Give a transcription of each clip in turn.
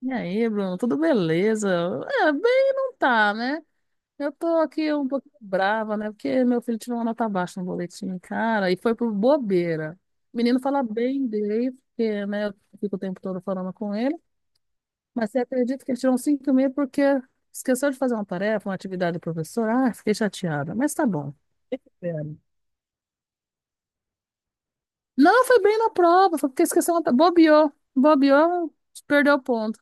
E aí, Bruno, tudo beleza? É, bem não tá, né? Eu tô aqui um pouquinho brava, né? Porque meu filho tirou uma nota baixa no boletim, cara, e foi por bobeira. O menino fala bem dele, porque, né, eu fico o tempo todo falando com ele, mas você acredita que ele tirou um cinco e meio porque esqueceu de fazer uma tarefa, uma atividade do professor? Ah, fiquei chateada, mas tá bom. É. Não, foi bem na prova, foi porque esqueceu uma... bobeou, bobeou, perdeu o ponto.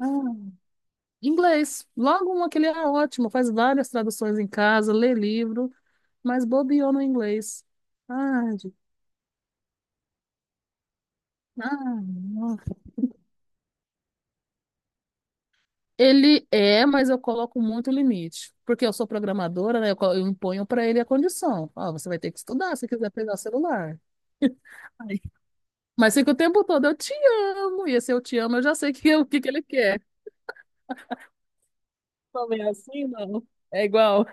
Ah. Inglês. Logo uma que é ótimo, faz várias traduções em casa, lê livro, mas bobeou no inglês. Ai, ai, nossa. Ele é, mas eu coloco muito limite, porque eu sou programadora, né? Eu imponho para ele a condição. Ó, você vai ter que estudar se quiser pegar o celular. Ai. Mas fica o tempo todo, eu te amo. E esse eu te amo, eu já sei que, é o que que ele quer. Também é assim, não? É igual.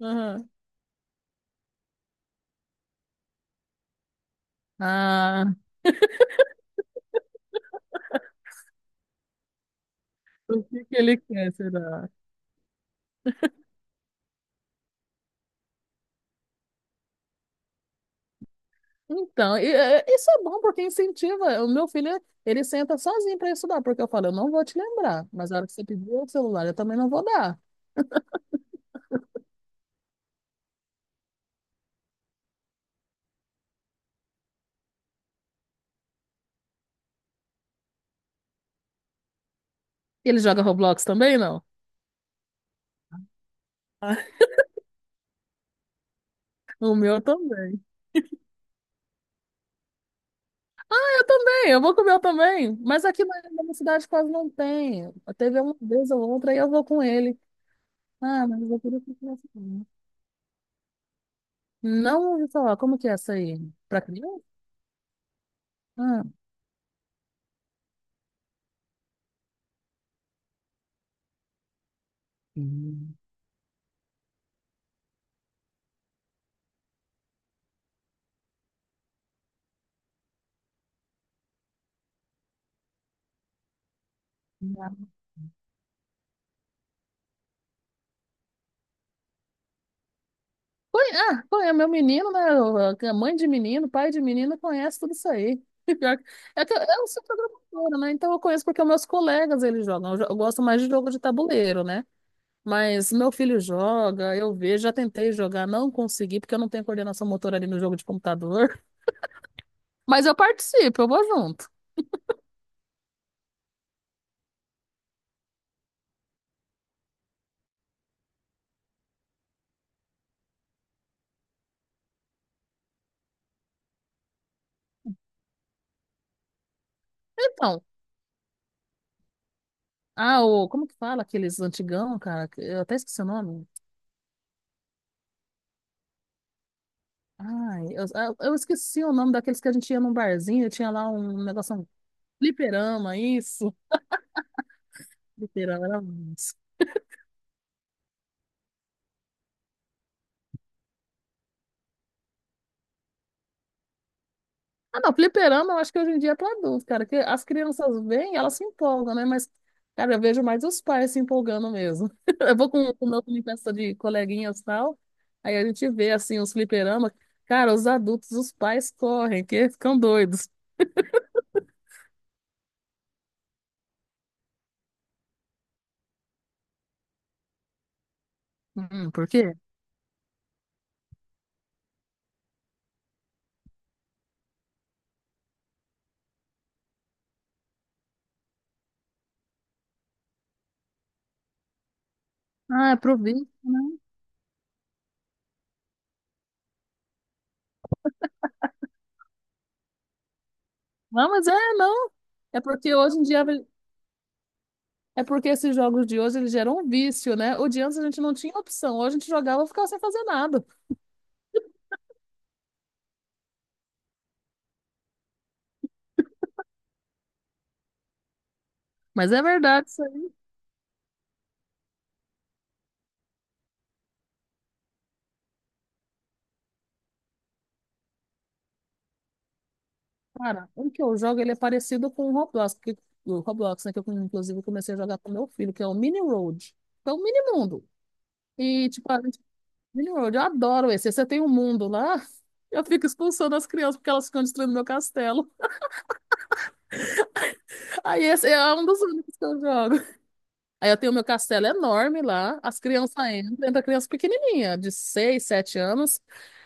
Aham. Ah, o que que ele quer, será? Então, isso é bom porque incentiva. O meu filho, ele senta sozinho para estudar, porque eu falo, eu não vou te lembrar, mas na hora que você pedir o celular, eu também não vou dar. Ele joga Roblox também, não? O meu também. Eu também, eu vou com o meu também. Mas aqui na minha cidade quase não tem. Teve uma vez ou outra, aí eu vou com ele. Ah, mas eu queria que eu tivesse. Não ouvi falar, como que é essa aí? Para criança? Ah. Hum. Ah, é meu menino, né? A mãe de menino, pai de menino, conhece tudo isso aí. Pior. É que eu sou programadora, né? Então eu conheço porque meus colegas eles jogam. Eu gosto mais de jogo de tabuleiro, né? Mas meu filho joga, eu vejo, já tentei jogar, não consegui, porque eu não tenho coordenação motora ali no jogo de computador. Mas eu participo, eu vou junto. Então, ah, como que fala aqueles antigão, cara? Eu até esqueci o nome. Ai, eu, eu esqueci o nome daqueles que a gente ia num barzinho, tinha lá um negócio um fliperama, isso. Fliperama era isso. Ah, não, fliperama eu acho que hoje em dia é para adulto, cara, que as crianças vêm, elas se empolgam, né? Mas, cara, eu vejo mais os pais se empolgando mesmo. Eu vou com o meu filho em festa de coleguinhas e tal, aí a gente vê, assim, os fliperama. Cara, os adultos, os pais correm, que ficam doidos. Por quê? Ah, é pro vício, né? Não, mas é, não. É porque hoje em dia, é porque esses jogos de hoje, eles geram um vício, né? O de antes a gente não tinha opção, hoje a gente jogava e ficava sem fazer nada. Mas é verdade isso aí, cara. Um que eu jogo, ele é parecido com o Roblox, que, o Roblox, né? Que eu, inclusive, comecei a jogar com meu filho, que é o Mini Road. Que é o Mini Mundo. E, tipo, a gente, Mini Road, eu adoro esse. Você tem um mundo lá, eu fico expulsando as crianças porque elas ficam destruindo meu castelo. Aí esse é um dos únicos que eu jogo. Aí eu tenho meu castelo enorme lá, as crianças entram, entra criança pequenininha, de 6, 7 anos,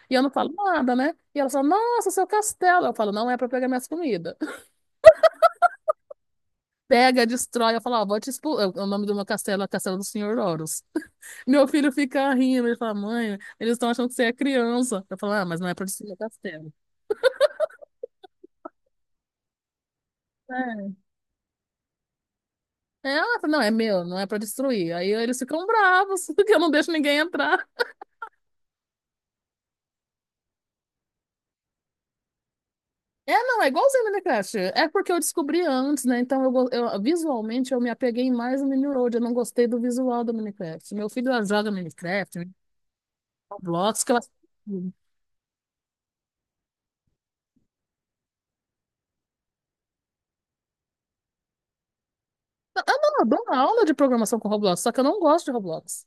e eu não falo nada, né? E elas falam, nossa, seu castelo. Eu falo, não é pra pegar minhas comidas. Pega, destrói, eu falo, ó, vou te expulsar. O nome do meu castelo é Castelo do Senhor Horus. Meu filho fica rindo, ele fala, mãe, eles estão achando que você é criança. Eu falo, ah, mas não é pra destruir o castelo. É. É, ela fala, não, é meu, não é pra destruir. Aí eles ficam bravos, porque eu não deixo ninguém entrar. É, não, é igualzinho o Minecraft. É porque eu descobri antes, né? Então, visualmente, eu me apeguei mais no Mineral. Eu não gostei do visual do Minecraft. Meu filho ela joga Minecraft, Roblox, que ela... Eu não, eu dou uma aula de programação com Roblox, só que eu não gosto de Roblox.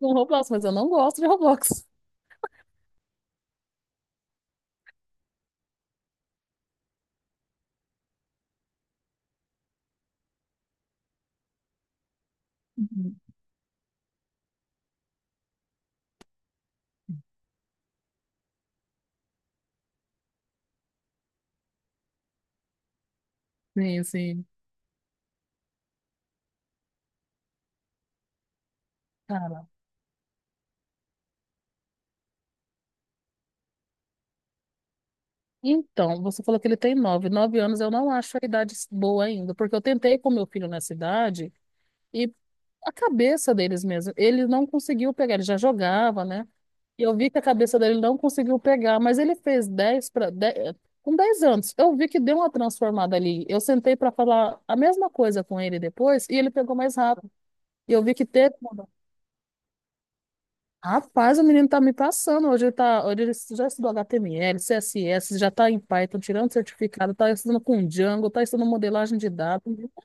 Com Roblox, mas eu não gosto de Roblox. Uhum. Sim, sim. Cara, então, você falou que ele tem nove. 9 anos eu não acho a idade boa ainda, porque eu tentei com meu filho nessa idade e a cabeça deles mesmo, ele não conseguiu pegar, ele já jogava, né? E eu vi que a cabeça dele não conseguiu pegar, mas ele fez 10 para com 10 anos. Eu vi que deu uma transformada ali. Eu sentei para falar a mesma coisa com ele depois e ele pegou mais rápido. E eu vi que teve rapaz, o menino tá me passando. Hoje ele, tá, hoje ele já estudou HTML, CSS, já tá em Python, tirando certificado, tá estudando com Django, tá estudando modelagem de dados. O menino tá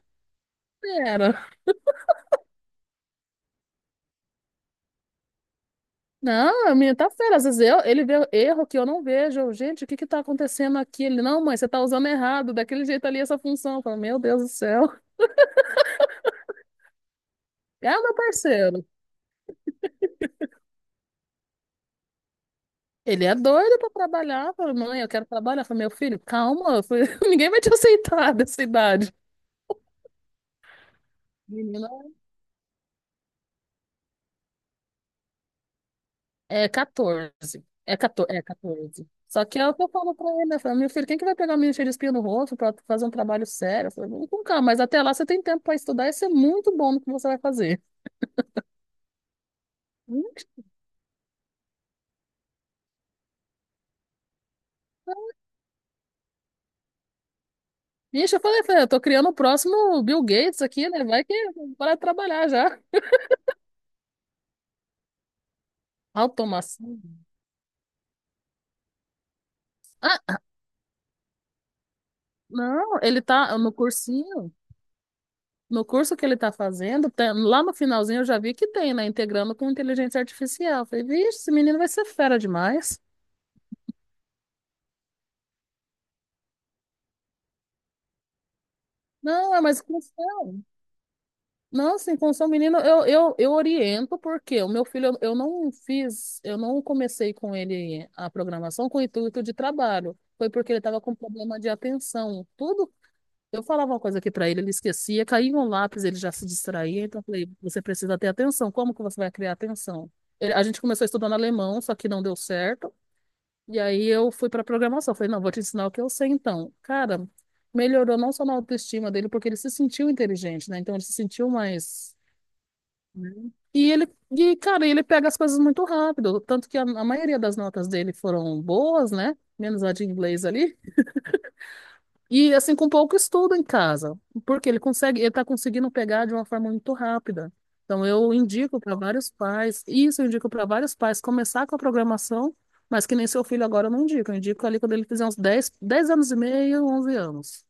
fera. Não, o menino tá fera. Às vezes eu, ele vê erro que eu não vejo. Eu, gente, o que que tá acontecendo aqui? Ele, não, mãe, você tá usando errado, daquele jeito ali essa função. Eu falo, meu Deus do céu. É o meu parceiro. Ele é doido pra trabalhar. Eu falo, mãe, eu quero trabalhar. Eu falo, meu filho, calma. Eu falo, ninguém vai te aceitar dessa idade. Menino, é 14. É 14. É 14. Só que é o que eu falo pra ele, né? Eu falo, meu filho, quem que vai pegar o menino cheio de espinha no rosto pra fazer um trabalho sério? Eu falei, vamos com calma, mas até lá você tem tempo pra estudar e ser muito bom no que você vai fazer. Hum. Ixi, eu falei, falei, eu tô criando o próximo Bill Gates aqui, né? Vai que para trabalhar já. Automação. Ah, não, ele tá no cursinho, no curso que ele tá fazendo, lá no finalzinho eu já vi que tem, né? Integrando com inteligência artificial. Eu falei, vixe, esse menino vai ser fera demais. Não, é mas. Não, sim, com o seu menino eu oriento porque o meu filho eu não fiz, eu não comecei com ele a programação com o intuito de trabalho. Foi porque ele estava com problema de atenção. Tudo, eu falava uma coisa aqui para ele, ele esquecia, caía um lápis, ele já se distraía. Então eu falei, você precisa ter atenção. Como que você vai criar atenção? A gente começou estudando alemão, só que não deu certo. E aí eu fui para programação. Falei, não, vou te ensinar o que eu sei então. Cara, melhorou não só na autoestima dele, porque ele se sentiu inteligente, né? Então ele se sentiu mais e ele, e, cara, ele pega as coisas muito rápido, tanto que a maioria das notas dele foram boas, né? Menos a de inglês ali. E assim, com pouco estudo em casa, porque ele consegue, ele tá conseguindo pegar de uma forma muito rápida. Então eu indico para vários pais, isso eu indico para vários pais começar com a programação, mas que nem seu filho agora eu não indico, eu indico ali quando ele fizer uns dez anos e meio, 11 anos.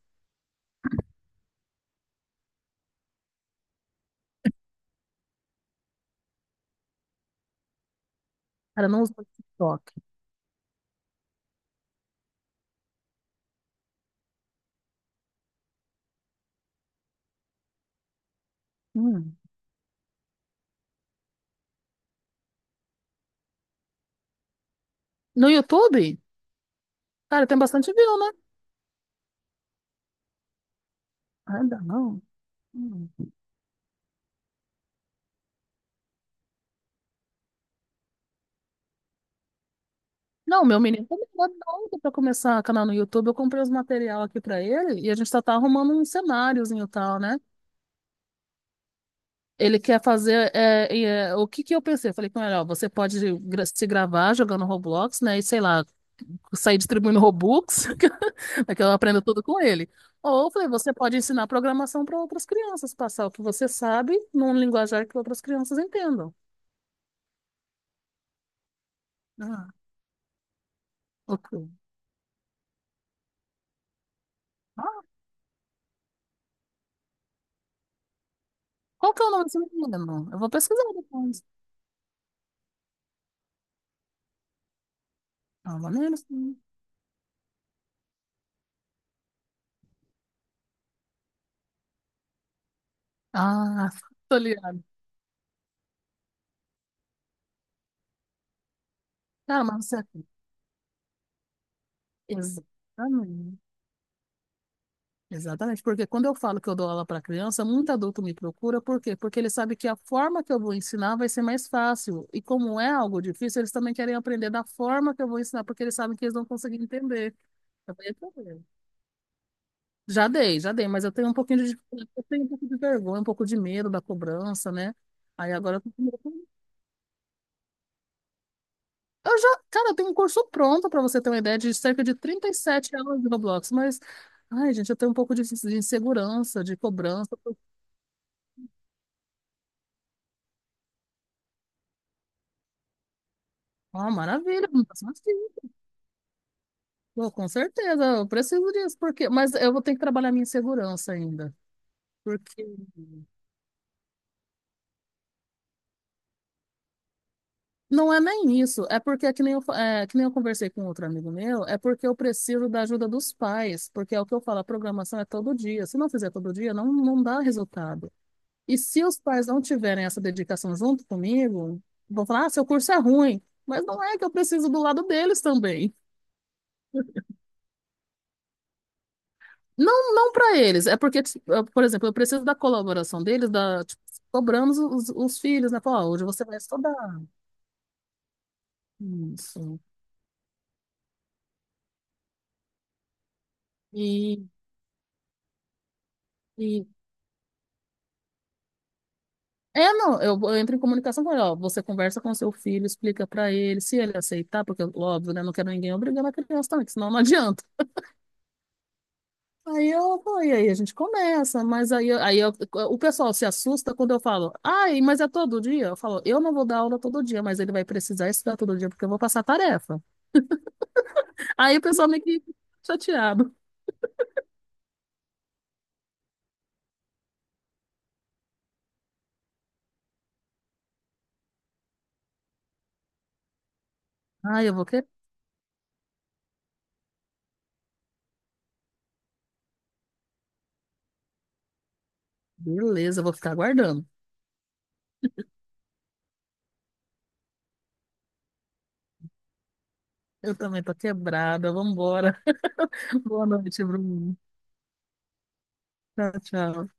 Cara, não usa TikTok. Hum. No YouTube? Cara, tem bastante view, né? Ainda não. Hum. Não, meu menino também tá doido pra começar canal no YouTube. Eu comprei os material aqui pra ele e a gente só tá arrumando um cenáriozinho e tal, né? Ele quer fazer. O que que eu pensei? Eu falei com ele, ó, você pode gra- se gravar jogando Roblox, né? E sei lá, sair distribuindo Robux, é que eu aprendo tudo com ele. Ou eu falei, você pode ensinar programação para outras crianças, passar o que você sabe num linguajar que outras crianças entendam. Ah, ok. Ah, qual que é o nome desse menino? Eu vou pesquisar depois. Ah, maneiro. Ah, tô ligado. Cara, mas você. Exatamente. Exatamente. Porque quando eu falo que eu dou aula para criança, muito adulto me procura. Por quê? Porque ele sabe que a forma que eu vou ensinar vai ser mais fácil. E como é algo difícil, eles também querem aprender da forma que eu vou ensinar, porque eles sabem que eles não conseguem entender. Eu falei, "Tá vendo?" Já dei, mas eu tenho um pouquinho de, dificuldade, eu tenho um pouco de vergonha, um pouco de medo da cobrança, né? Aí agora eu tô com medo. Eu já, cara, eu tenho um curso pronto pra você ter uma ideia de cerca de 37 aulas de Roblox, mas ai, gente, eu tenho um pouco de insegurança, de cobrança. Ah, maravilha, não passa mais que isso. Pô, com certeza, eu preciso disso, porque, mas eu vou ter que trabalhar minha insegurança ainda. Porque não é nem isso, é porque é que nem eu conversei com outro amigo meu, é porque eu preciso da ajuda dos pais, porque é o que eu falo, a programação é todo dia. Se não fizer todo dia, não, não dá resultado. E se os pais não tiverem essa dedicação junto comigo, vão falar: ah, seu curso é ruim. Mas não é que eu preciso do lado deles também. Não, não para eles. É porque, tipo, eu, por exemplo, eu preciso da colaboração deles, da, tipo, cobramos os filhos, né? Falar, "Ó, hoje você vai estudar. Isso. E, e... É, não, eu entro em comunicação com ele, ó, você conversa com seu filho, explica para ele, se ele aceitar, porque, óbvio, né, não quero ninguém obrigando a criança também, que senão não adianta. Aí eu, pô, e aí a gente começa, mas aí, o pessoal se assusta quando eu falo, ai, mas é todo dia? Eu falo, eu não vou dar aula todo dia, mas ele vai precisar estudar todo dia porque eu vou passar tarefa. Aí o pessoal meio que fica chateado. Ai, eu vou que... Beleza, eu vou ficar aguardando. Eu também tô quebrada, vambora. Boa noite, Bruno. Tchau, tchau.